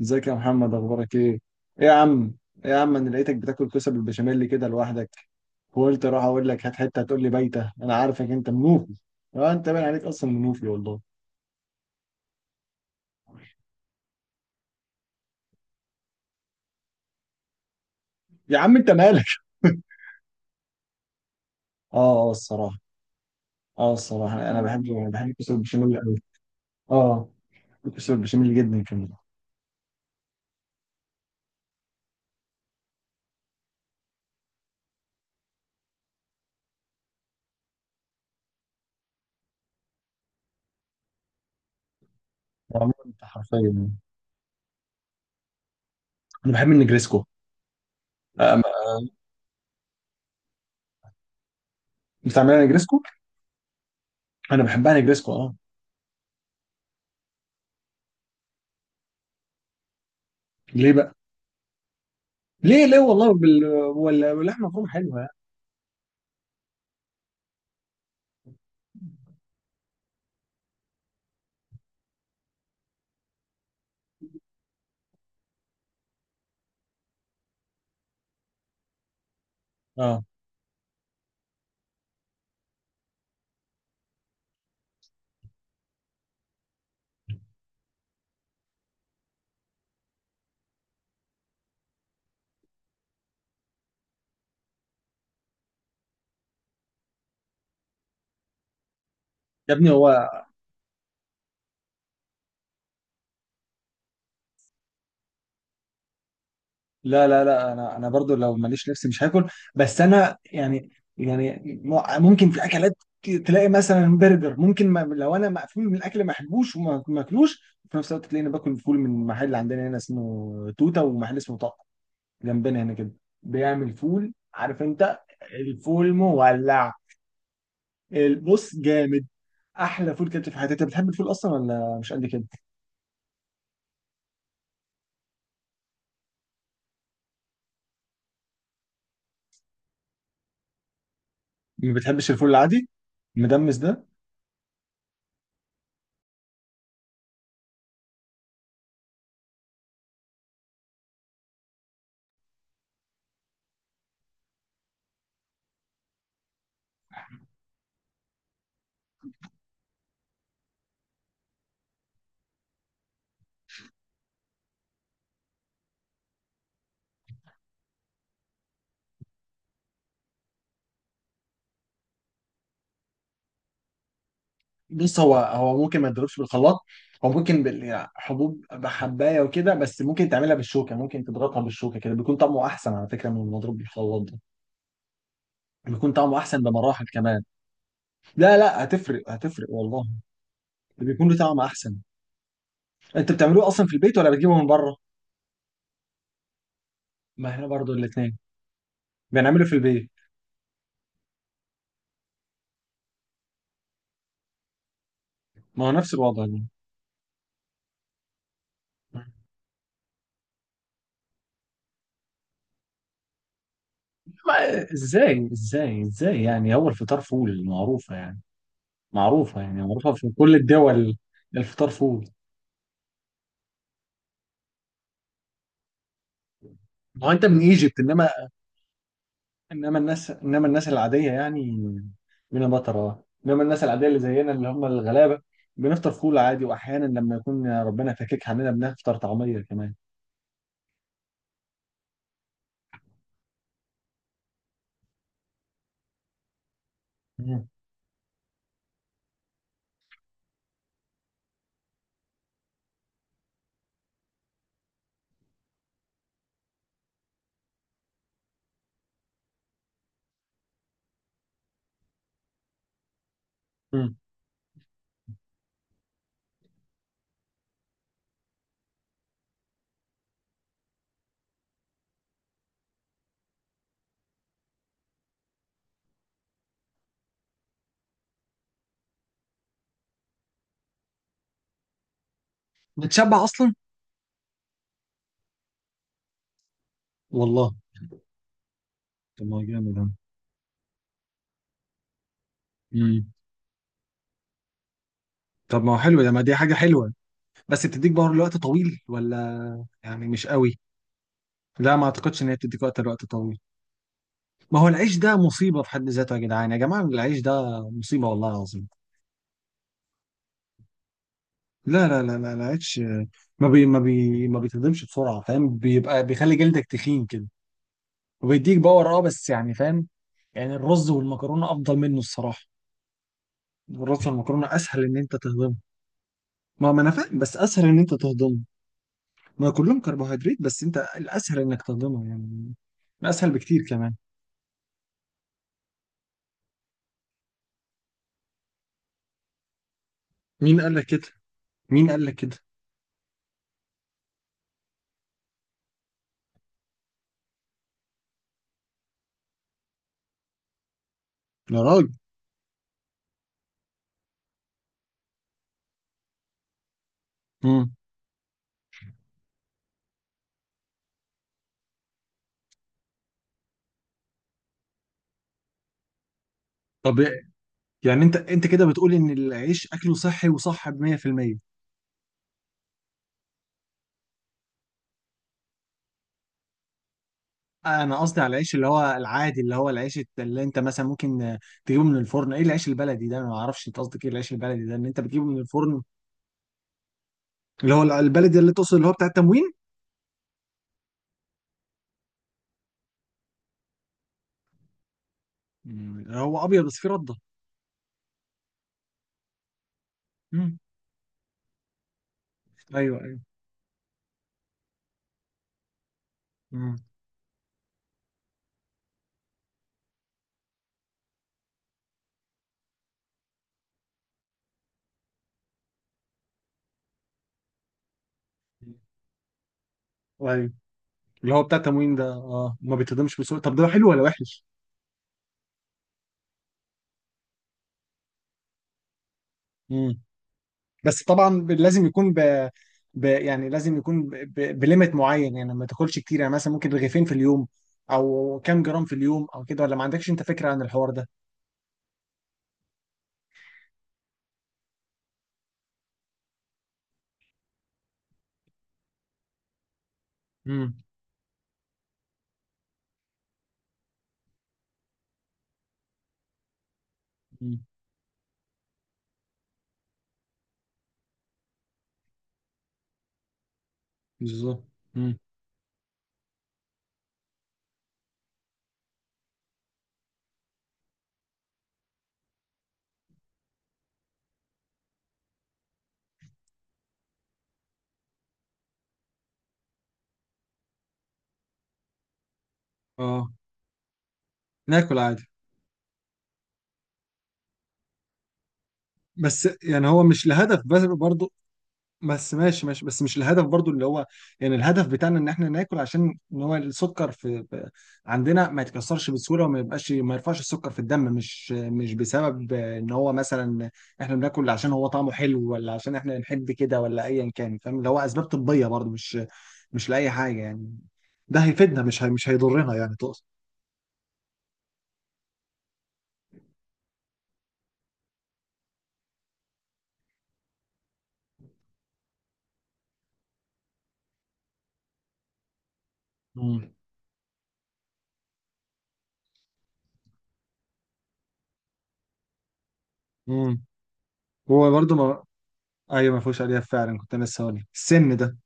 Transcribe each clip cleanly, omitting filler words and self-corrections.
ازيك يا محمد، اخبارك ايه؟ ايه يا عم؟ ايه يا عم، انا لقيتك بتاكل كوسه بالبشاميل كده لوحدك، وقلت اروح اقول لك هات حته هتقول لي بايته، انا عارفك انت منوفي. اه انت باين عليك اصلا منوفي والله. يا عم انت مالك؟ اه اه الصراحه اه الصراحه انا بحب الكوسه بالبشاميل قوي. اه الكوسه بالبشاميل جدا كمان. عموما انت حرفيا يعني. انا بحب النجريسكو. آه، بتعملها نجريسكو؟ انا بحبها نجريسكو اه. ليه بقى؟ ليه والله واللحمه مفرومه حلوه يعني. اه يا ابني هو. لا لا لا، انا برضو لو ماليش نفسي مش هاكل، بس انا يعني، يعني ممكن في اكلات، تلاقي مثلا برجر ممكن ما لو انا مقفول من الاكل ما احبوش وما ما اكلوش، في نفس الوقت تلاقيني باكل فول من محل عندنا هنا اسمه توته، ومحل اسمه طق جنبنا هنا كده، بيعمل فول عارف انت. الفول مولع، البص جامد، احلى فول كده في حياتي. انت بتحب الفول اصلا ولا مش قد كده؟ ما بتحبش الفول العادي المدمس ده؟ بص، هو ممكن ما تضربش بالخلاط. هو ممكن يعني حبوب بحبايه وكده، بس ممكن تعملها بالشوكه، ممكن تضغطها بالشوكه كده بيكون طعمه احسن على فكره من المضروب بالخلاط ده. بيكون طعمه احسن بمراحل كمان. لا لا، هتفرق هتفرق والله. بيكون له طعم احسن. انت بتعملوه اصلا في البيت ولا بتجيبه من بره؟ ما احنا برضو الاثنين، بنعمله في البيت. ما هو نفس الوضع يعني. ما ازاي ازاي ازاي يعني، هو الفطار فول معروفه يعني، معروفه يعني معروفه في كل الدول. الفطار فول. ما هو انت من ايجيبت، انما الناس العاديه يعني، بينا مطره، انما الناس العاديه اللي زينا اللي هم الغلابه، بنفطر فول عادي، واحيانا لما يكون ربنا فاكك عننا بنفطر طعميه كمان. مم. مم. بتشبع اصلا. والله. طب ما هو جامد ده. امم. طب ما هو حلو ده، ما دي حاجه حلوه. بس بتديك باور لوقت طويل ولا يعني مش قوي؟ لا ما اعتقدش ان هي بتديك وقت لوقت طويل. ما هو العيش ده مصيبه في حد ذاته يا جدعان، يا جماعه العيش ده مصيبه والله العظيم. لا لا لا لا لا، ما بيتهضمش بسرعه، فاهم، بيبقى بيخلي جلدك تخين كده، وبيديك باور. اه بس يعني فاهم، يعني الرز والمكرونه افضل منه الصراحه. الرز والمكرونه اسهل ان انت تهضمه. ما انا فاهم بس اسهل ان انت تهضمه. ما كلهم كربوهيدرات، بس انت الاسهل انك تهضمه يعني. اسهل بكتير كمان. مين قال لك كده؟ مين قال لك كده؟ يا راجل. امم. طب يعني انت كده بتقول ان العيش اكله صحي وصح ب 100%؟ انا قصدي على العيش اللي هو العادي، اللي هو العيش اللي انت مثلا ممكن تجيبه من الفرن. ايه العيش البلدي ده؟ انا ما اعرفش انت قصدك ايه العيش البلدي ده، ان انت بتجيبه من الفرن؟ اللي هو البلدي اللي تقصد اللي هو بتاع التموين. مم. اللي هو ابيض بس فيه رده. مم. ايوه ايوه. مم. ايوه. اللي هو بتاع التموين ده ما بيتهضمش بسهوله، طب ده حلو ولا وحش؟ مم. بس طبعا لازم يكون يعني لازم يكون بليمت معين يعني، ما تاكلش كتير يعني، مثلا ممكن رغيفين في اليوم، او كام جرام في اليوم او كده، ولا ما عندكش انت فكره عن الحوار ده؟ امم. امم. بالظبط. امم. اه ناكل عادي. بس يعني هو مش الهدف بس برضه. بس ماشي ماشي، بس مش الهدف برضه اللي هو، يعني الهدف بتاعنا ان احنا ناكل عشان ان هو السكر عندنا ما يتكسرش بسهوله، وما يبقاش ما يرفعش السكر في الدم، مش بسبب ان هو مثلا احنا بناكل عشان هو طعمه حلو، ولا عشان احنا بنحب كده، ولا ايا كان، فاهم، اللي هو اسباب طبيه برضه، مش لاي حاجه يعني. ده هيفيدنا، مش هي مش هيضرنا يعني تقصد؟ امم. امم. هو برضه. ايوه ما فيهوش الياف فعلا، كنت أنا لسه هقول لك. السن ده.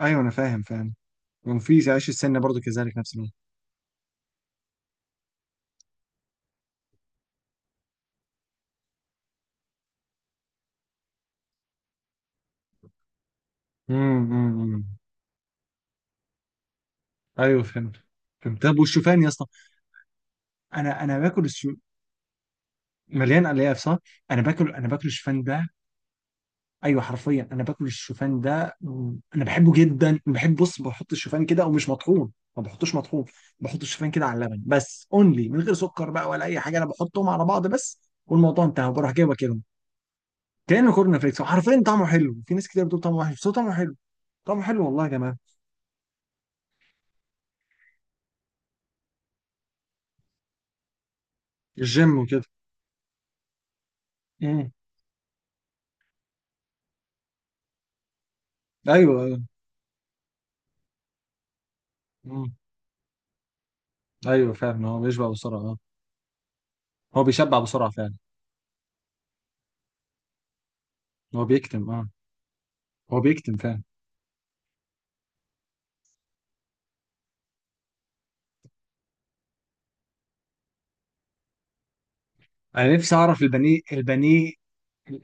ايوه انا فاهم فاهم. ومفيش عيش السن برضو كذلك نفس الوقت. امم. أمم. ايوه فهمت. فهمت، طب والشوفان يا اسطى. انا باكل مليان الياف صح. انا باكل الشوفان ده. ايوه حرفيا انا باكل الشوفان ده. انا بحبه جدا. بص، بحط الشوفان كده ومش مطحون، ما بحطوش مطحون. بحط الشوفان كده على اللبن بس، اونلي من غير سكر بقى ولا اي حاجه، انا بحطهم على بعض بس، والموضوع انتهى، بروح جايبه كده. كانه كورن فليكس، وحرفيا طعمه حلو. في ناس كتير بتقول طعمه وحش بس هو طعمه حلو، طعمه حلو والله يا جماعه. الجيم وكده. امم. ايوه ايوه. امم. ايوه فعلا هو بيشبع بسرعه اه. هو بيشبع بسرعه فعلا. هو بيكتم اه. هو بيكتم فعلا. انا نفسي اعرف البانيه البانيه.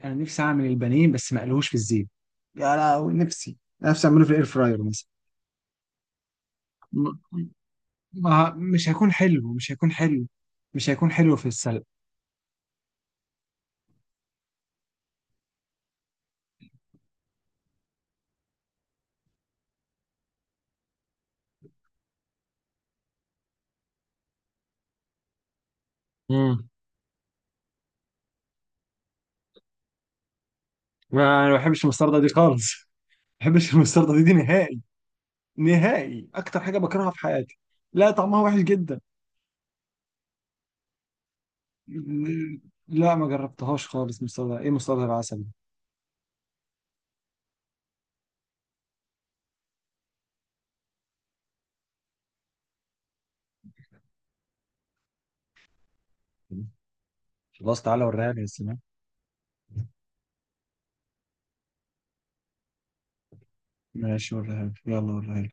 انا نفسي اعمل البانيه، بس ما قالوش في الزيت. يا لهوي، نفسي نفسي اعمله في الاير فراير مثلا. م- ما مش هيكون حلو، مش هيكون حلو. مش هيكون حلو في السلق. امم. ما انا ما بحبش المستردة دي خالص. ما بحبش المستردة دي نهائي. نهائي، اكتر حاجه بكرهها في حياتي. لا طعمها وحش جدا. لا ما جربتهاش خالص. مستردة ايه؟ مستردة العسل؟ خلاص تعالى وريها لي يا سلام. ماشي وريها لي، يلا وريها لي.